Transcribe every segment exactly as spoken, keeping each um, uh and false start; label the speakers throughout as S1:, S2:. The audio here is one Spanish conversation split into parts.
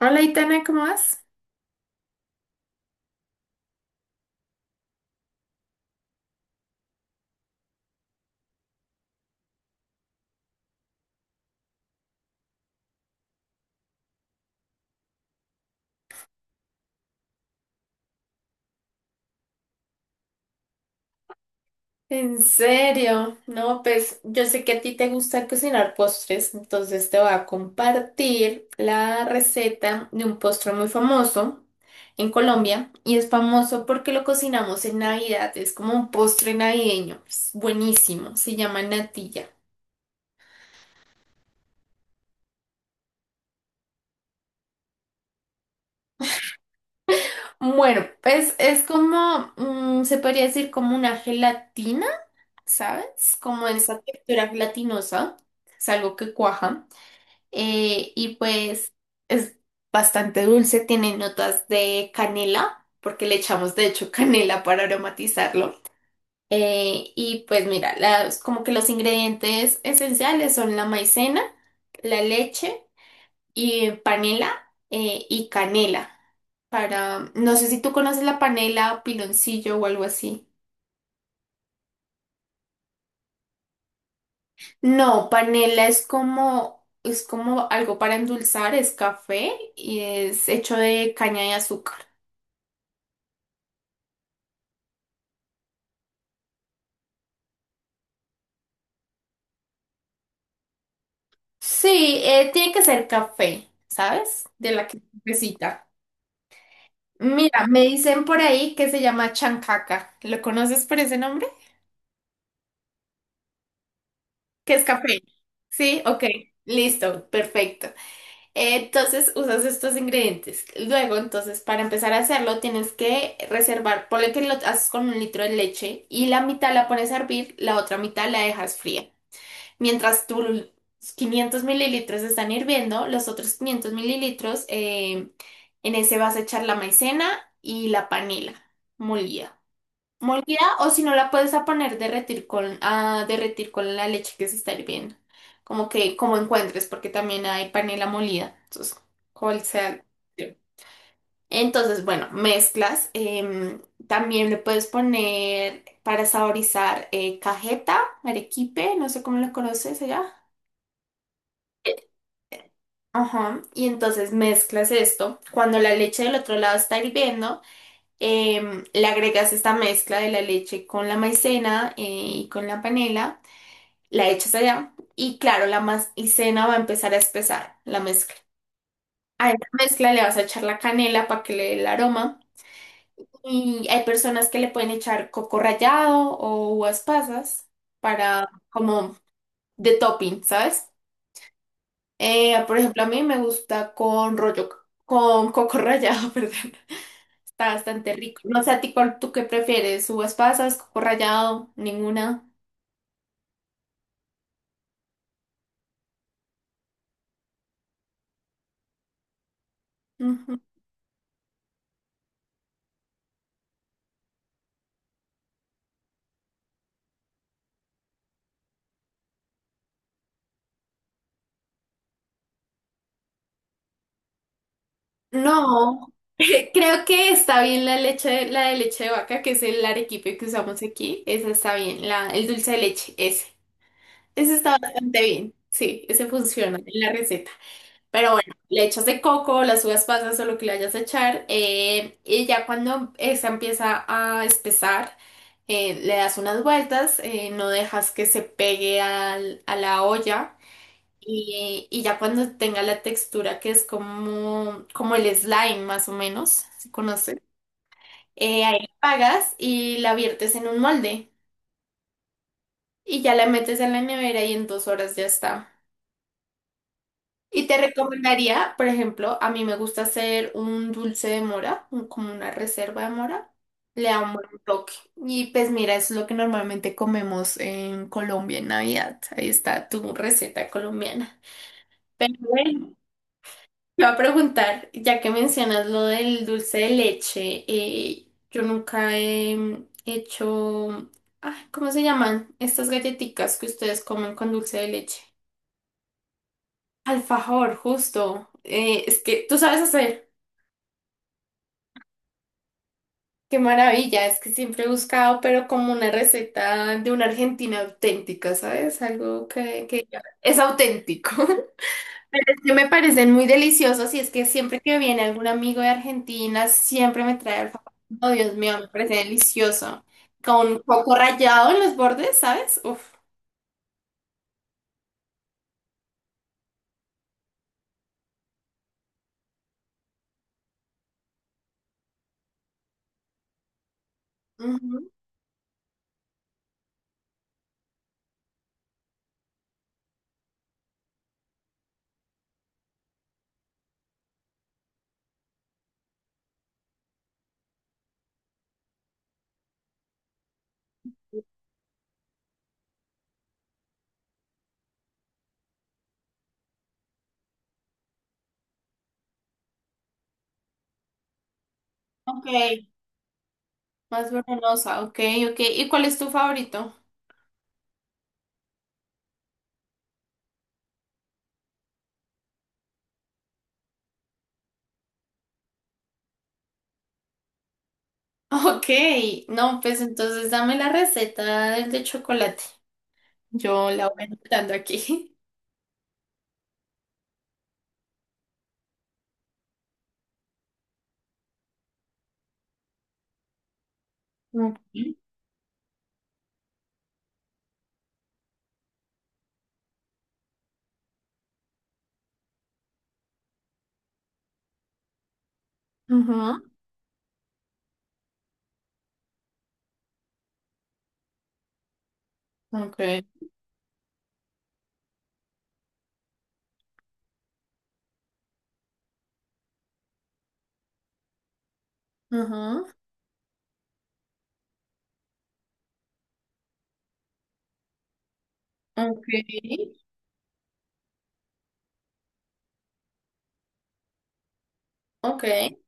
S1: Hola, Itana, ¿cómo vas? En serio, no, pues yo sé que a ti te gusta cocinar postres, entonces te voy a compartir la receta de un postre muy famoso en Colombia y es famoso porque lo cocinamos en Navidad, es como un postre navideño, es buenísimo, se llama natilla. Bueno, pues es como, mm, se podría decir como una gelatina, ¿sabes? Como esa textura gelatinosa, es algo que cuaja. Eh, y pues es bastante dulce, tiene notas de canela, porque le echamos de hecho canela para aromatizarlo. Eh, y pues mira, las, como que los ingredientes esenciales son la maicena, la leche y panela eh, y canela. Para, no sé si tú conoces la panela, piloncillo o algo así. No, panela es como, es como algo para endulzar, es café y es hecho de caña de azúcar. Sí, eh, tiene que ser café, ¿sabes? De la que necesita. Mira, me dicen por ahí que se llama chancaca. ¿Lo conoces por ese nombre? Que es café. Sí, ok. Listo, perfecto. Eh, Entonces usas estos ingredientes. Luego, entonces, para empezar a hacerlo, tienes que reservar, ponle que lo haces con un litro de leche y la mitad la pones a hervir, la otra mitad la dejas fría. Mientras tus quinientos mililitros están hirviendo, los otros quinientos mililitros eh, en ese vas a echar la maicena y la panela molida. Molida o si no la puedes a poner derretir con, a derretir con la leche que se está hirviendo. Como que como encuentres, porque también hay panela molida. Entonces, cual sea. Sí. Entonces, bueno, mezclas. em, también le puedes poner para saborizar eh, cajeta, arequipe, no sé cómo lo conoces allá. Ajá, y entonces mezclas esto. Cuando la leche del otro lado está hirviendo, em, le agregas esta mezcla de la leche con la maicena eh, y con la panela, la echas allá y claro, la maicena va a empezar a espesar la mezcla. A esa mezcla le vas a echar la canela para que le dé el aroma y hay personas que le pueden echar coco rallado o uvas pasas para como de topping, ¿sabes? Eh, por ejemplo, a mí me gusta con rollo, con coco rallado, perdón. Está bastante rico. No sé a ti cuál tú qué prefieres, uvas pasas, coco rallado, ninguna. Ujú. No, creo que está bien la leche, la de leche de vaca, que es el arequipe que usamos aquí. Esa está bien, la, el dulce de leche, ese. Ese está bastante bien. Sí, ese funciona en la receta. Pero bueno, le echas de coco, las uvas pasas o lo que le vayas a echar, eh, y ya cuando esa empieza a espesar, eh, le das unas vueltas, eh, no dejas que se pegue al- a la olla, y, y ya cuando tenga la textura que es como, como el slime más o menos, si conoces, eh, ahí la apagas y la viertes en un molde, y ya la metes en la nevera y en dos horas ya está. Y te recomendaría, por ejemplo, a mí me gusta hacer un dulce de mora, un- como una reserva de mora. Le da un buen toque. Y pues mira, eso es lo que normalmente comemos en Colombia en Navidad. Ahí está tu receta colombiana. Pero bueno, te voy a preguntar, ya que mencionas lo del dulce de leche, eh, yo nunca he mm, hecho, ay, ¿cómo se llaman? Estas galletitas que ustedes comen con dulce de leche. Alfajor, justo. Eh, es que tú sabes hacer. Qué maravilla, es que siempre he buscado, pero como una receta de una Argentina auténtica, ¿sabes? Algo que, que es auténtico. Es que me parecen muy deliciosos y es que siempre que viene algún amigo de Argentina, siempre me trae alfajor. Oh, Dios mío, me parece delicioso. Con coco rallado en los bordes, ¿sabes? Uf. Ujú, ok, más venenosa, ok, ok. ¿Y cuál es tu favorito? Ok, no, pues entonces dame la receta del de chocolate. Yo la voy anotando aquí. Okay. Ajá, okay. Ajá, okay. Okay.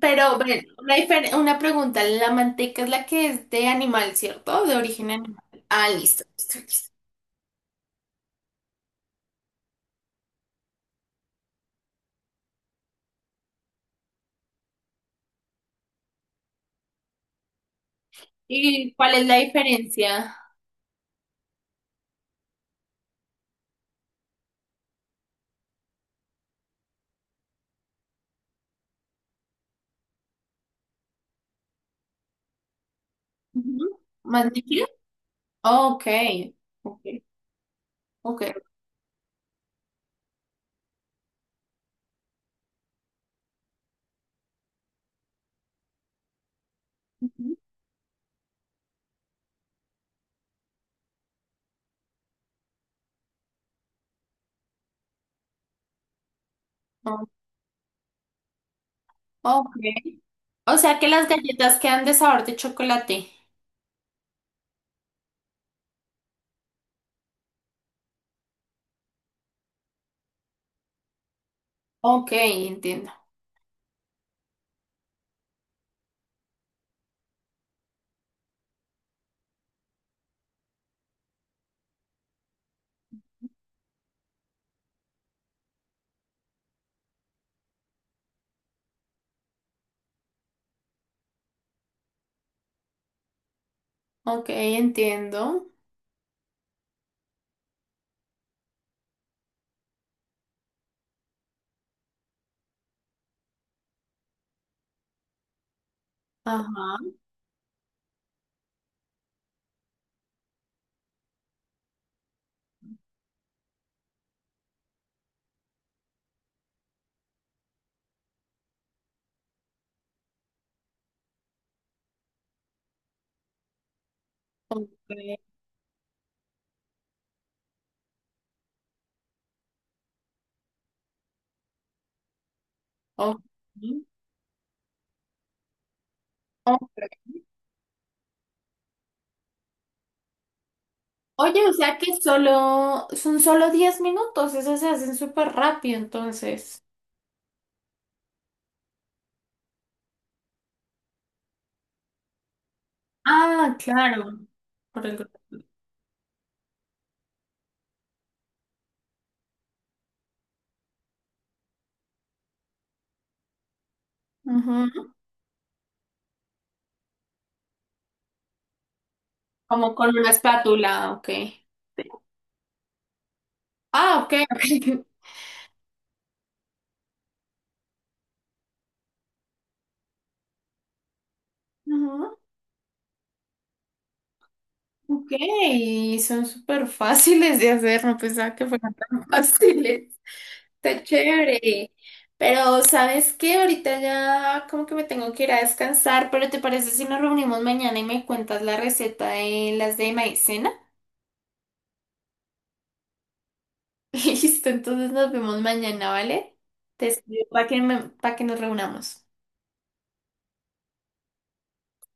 S1: Pero, bueno, una, difer- una pregunta, la manteca es la que es de animal, ¿cierto? De origen animal. Ah, listo, listo, listo. ¿Y cuál es la diferencia? Ujú. ¿Más líquida? Okay, okay, okay. Ujú. Oh, okay. O sea que las galletas quedan de sabor de chocolate. Okay, entiendo. Okay, entiendo. Ajá. Okay. Okay, ok. Oye, o sea que solo son solo diez minutos, eso se hacen súper rápido entonces. Ah, claro. Por el. Ujú. Como con una espátula, ok. Ah, ok, ok. Ujú. Ok, son súper fáciles de hacer, no pensaba que fueran tan fáciles. Está chévere. Pero, ¿sabes qué? Ahorita ya como que me tengo que ir a descansar, pero ¿te parece si nos reunimos mañana y me cuentas la receta de las de maíz? Listo, entonces nos vemos mañana, ¿vale? Te escribo para que, para que nos reunamos.